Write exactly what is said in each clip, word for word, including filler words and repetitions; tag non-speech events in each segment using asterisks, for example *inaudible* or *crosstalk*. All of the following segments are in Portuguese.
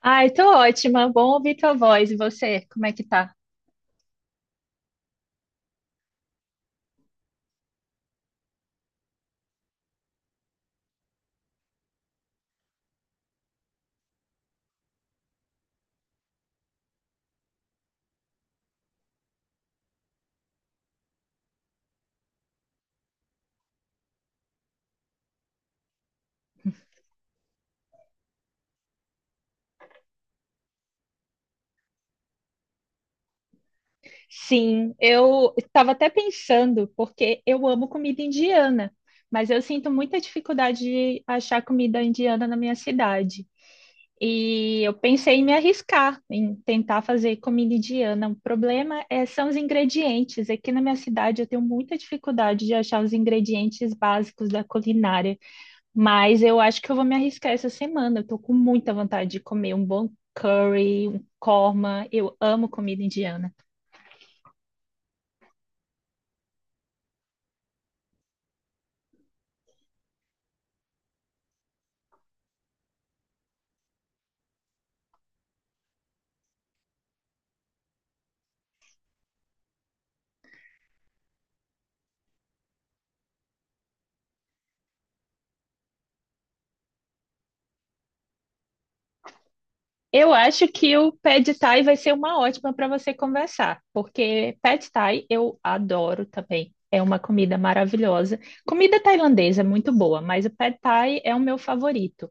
Ai, tô ótima. Bom ouvir tua voz. E você, como é que tá? Sim, eu estava até pensando, porque eu amo comida indiana, mas eu sinto muita dificuldade de achar comida indiana na minha cidade. E eu pensei em me arriscar, em tentar fazer comida indiana. O problema é, são os ingredientes. Aqui na minha cidade eu tenho muita dificuldade de achar os ingredientes básicos da culinária. Mas eu acho que eu vou me arriscar essa semana. Eu tô com muita vontade de comer um bom curry, um korma. Eu amo comida indiana. Eu acho que o Pad Thai vai ser uma ótima para você conversar, porque Pad Thai eu adoro também. É uma comida maravilhosa. Comida tailandesa é muito boa, mas o Pad Thai é o meu favorito.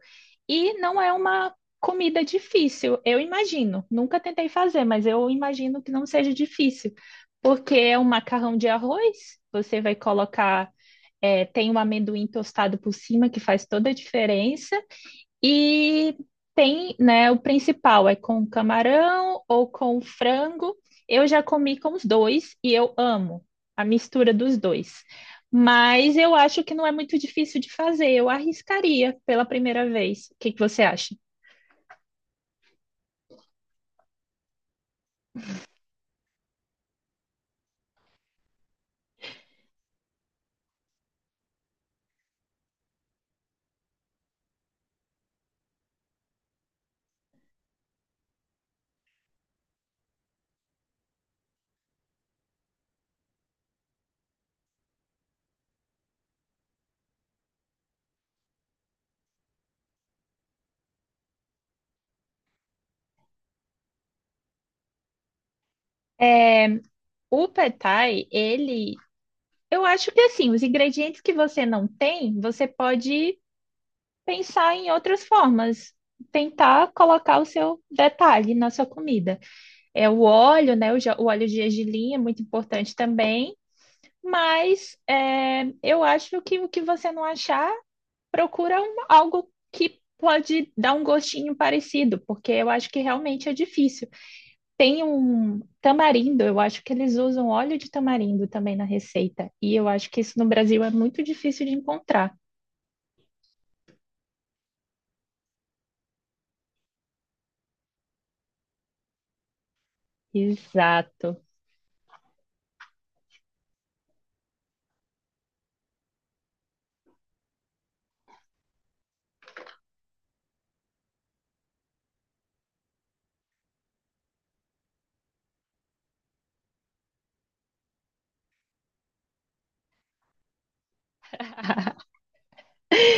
E não é uma comida difícil, eu imagino. Nunca tentei fazer, mas eu imagino que não seja difícil, porque é um macarrão de arroz, você vai colocar, eh, tem um amendoim tostado por cima que faz toda a diferença. E tem, né, o principal é com camarão ou com frango. Eu já comi com os dois e eu amo a mistura dos dois. Mas eu acho que não é muito difícil de fazer. Eu arriscaria pela primeira vez. O que que você acha? O pad thai, ele, eu acho que assim, os ingredientes que você não tem, você pode pensar em outras formas, tentar colocar o seu detalhe na sua comida. É o óleo, né? O, ja- o óleo de gergelim é muito importante também, mas é, eu acho que o que você não achar, procura um- algo que pode dar um gostinho parecido, porque eu acho que realmente é difícil. Tem um tamarindo, eu acho que eles usam óleo de tamarindo também na receita, e eu acho que isso no Brasil é muito difícil de encontrar. Exato.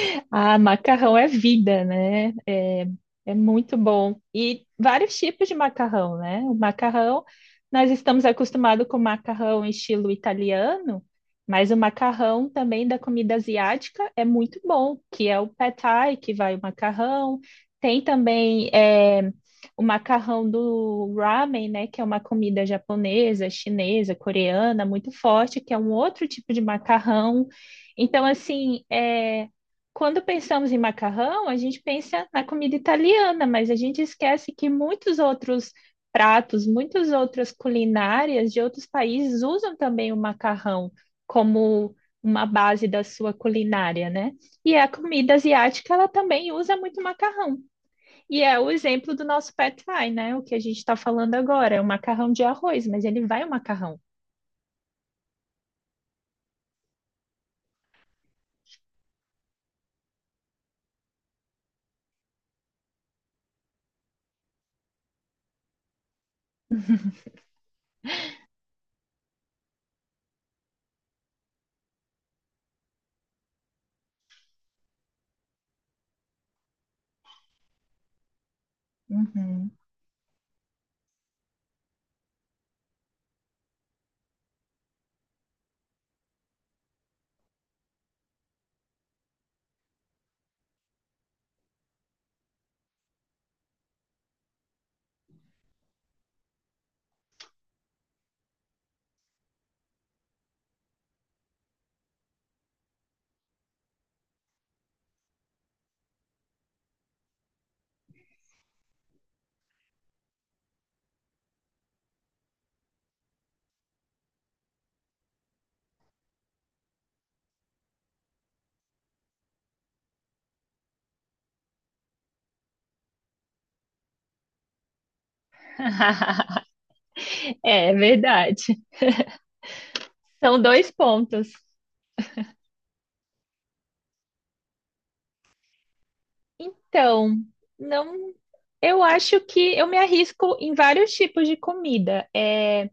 *laughs* Ah, macarrão é vida, né? É, é muito bom. E vários tipos de macarrão, né? O macarrão, nós estamos acostumados com macarrão em estilo italiano, mas o macarrão também da comida asiática é muito bom, que é o pad thai, que vai o macarrão. Tem também eh, o macarrão do ramen, né? Que é uma comida japonesa, chinesa, coreana, muito forte, que é um outro tipo de macarrão. Então, assim, é quando pensamos em macarrão, a gente pensa na comida italiana, mas a gente esquece que muitos outros pratos, muitas outras culinárias de outros países usam também o macarrão como uma base da sua culinária, né? E a comida asiática, ela também usa muito macarrão. E é o exemplo do nosso pad thai, né? O que a gente está falando agora, é o macarrão de arroz, mas ele vai o macarrão. Uhum. *laughs* É verdade. São dois pontos. Então, não, eu acho que eu me arrisco em vários tipos de comida. É,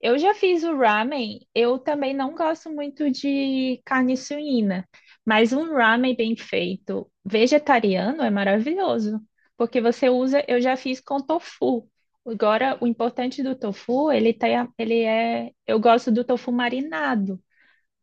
eu já fiz o ramen, eu também não gosto muito de carne suína, mas um ramen bem feito, vegetariano, é maravilhoso, porque você usa, eu já fiz com tofu. Agora, o importante do tofu, ele tem, a- ele é, eu gosto do tofu marinado.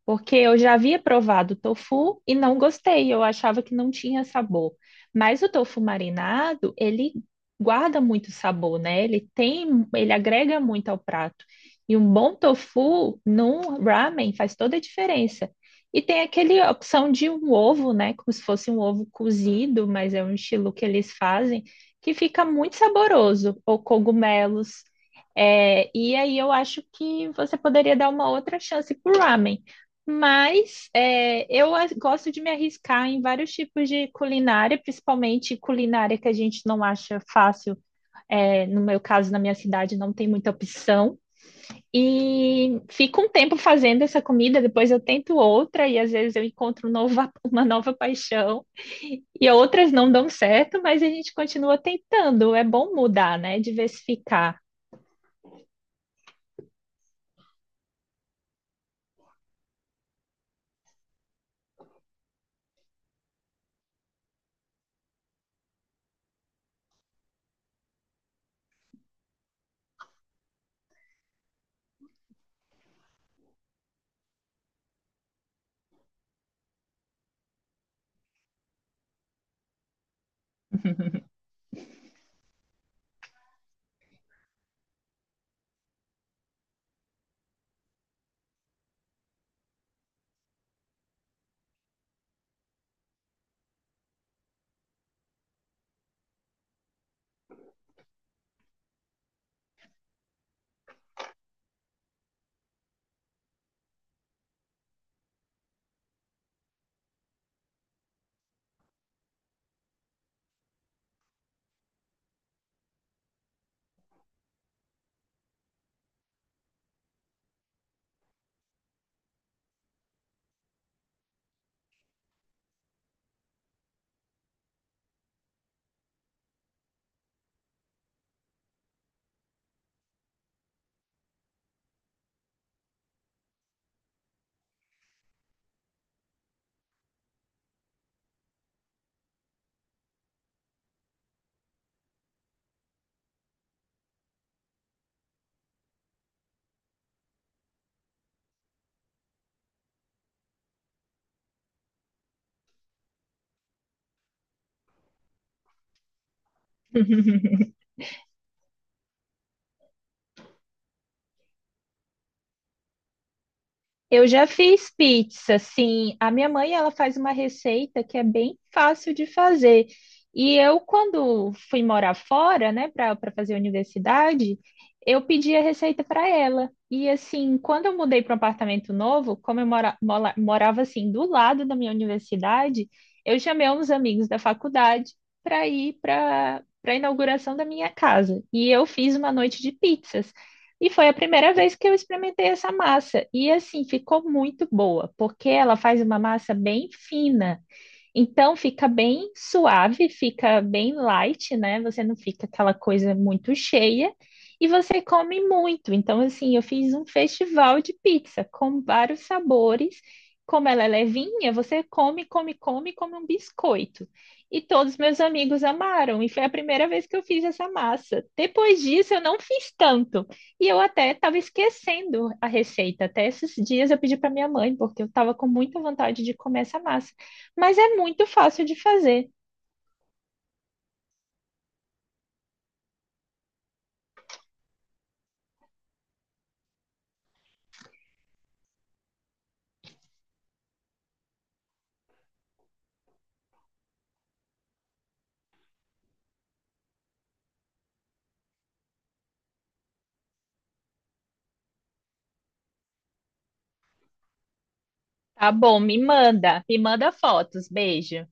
Porque eu já havia provado o tofu e não gostei, eu achava que não tinha sabor. Mas o tofu marinado, ele guarda muito sabor, né? Ele tem, ele agrega muito ao prato. E um bom tofu num ramen faz toda a diferença. E tem aquele opção de um ovo, né? Como se fosse um ovo cozido, mas é um estilo que eles fazem, que fica muito saboroso, ou cogumelos. É, e aí eu acho que você poderia dar uma outra chance pro ramen. Mas é, eu as- gosto de me arriscar em vários tipos de culinária, principalmente culinária que a gente não acha fácil. É, no meu caso, na minha cidade, não tem muita opção. E fico um tempo fazendo essa comida, depois eu tento outra, e às vezes eu encontro um nova- *laughs* uma nova paixão. E outras não dão certo, mas a gente continua tentando. É bom mudar, né? Diversificar. *laughs* Eu já fiz pizza, sim. A minha mãe, ela faz uma receita que é bem fácil de fazer. E eu, quando fui morar fora, né, para para fazer universidade, eu pedi a receita para ela. E assim, quando eu mudei para um apartamento novo, como eu mora, mola- morava assim do lado da minha universidade, eu chamei uns amigos da faculdade para ir para para a inauguração da minha casa. E eu fiz uma noite de pizzas. E foi a primeira vez que eu experimentei essa massa. E assim, ficou muito boa, porque ela faz uma massa bem fina. Então fica bem suave, fica bem light, né? Você não fica aquela coisa muito cheia e você come muito. Então, assim, eu fiz um festival de pizza com vários sabores. Como ela é levinha, você come, come, come, come um biscoito. E todos meus amigos amaram, e foi a primeira vez que eu fiz essa massa. Depois disso, eu não fiz tanto. E eu até estava esquecendo a receita. Até esses dias eu pedi para minha mãe, porque eu estava com muita vontade de comer essa massa. Mas é muito fácil de fazer. Tá bom, me manda. Me manda fotos. Beijo.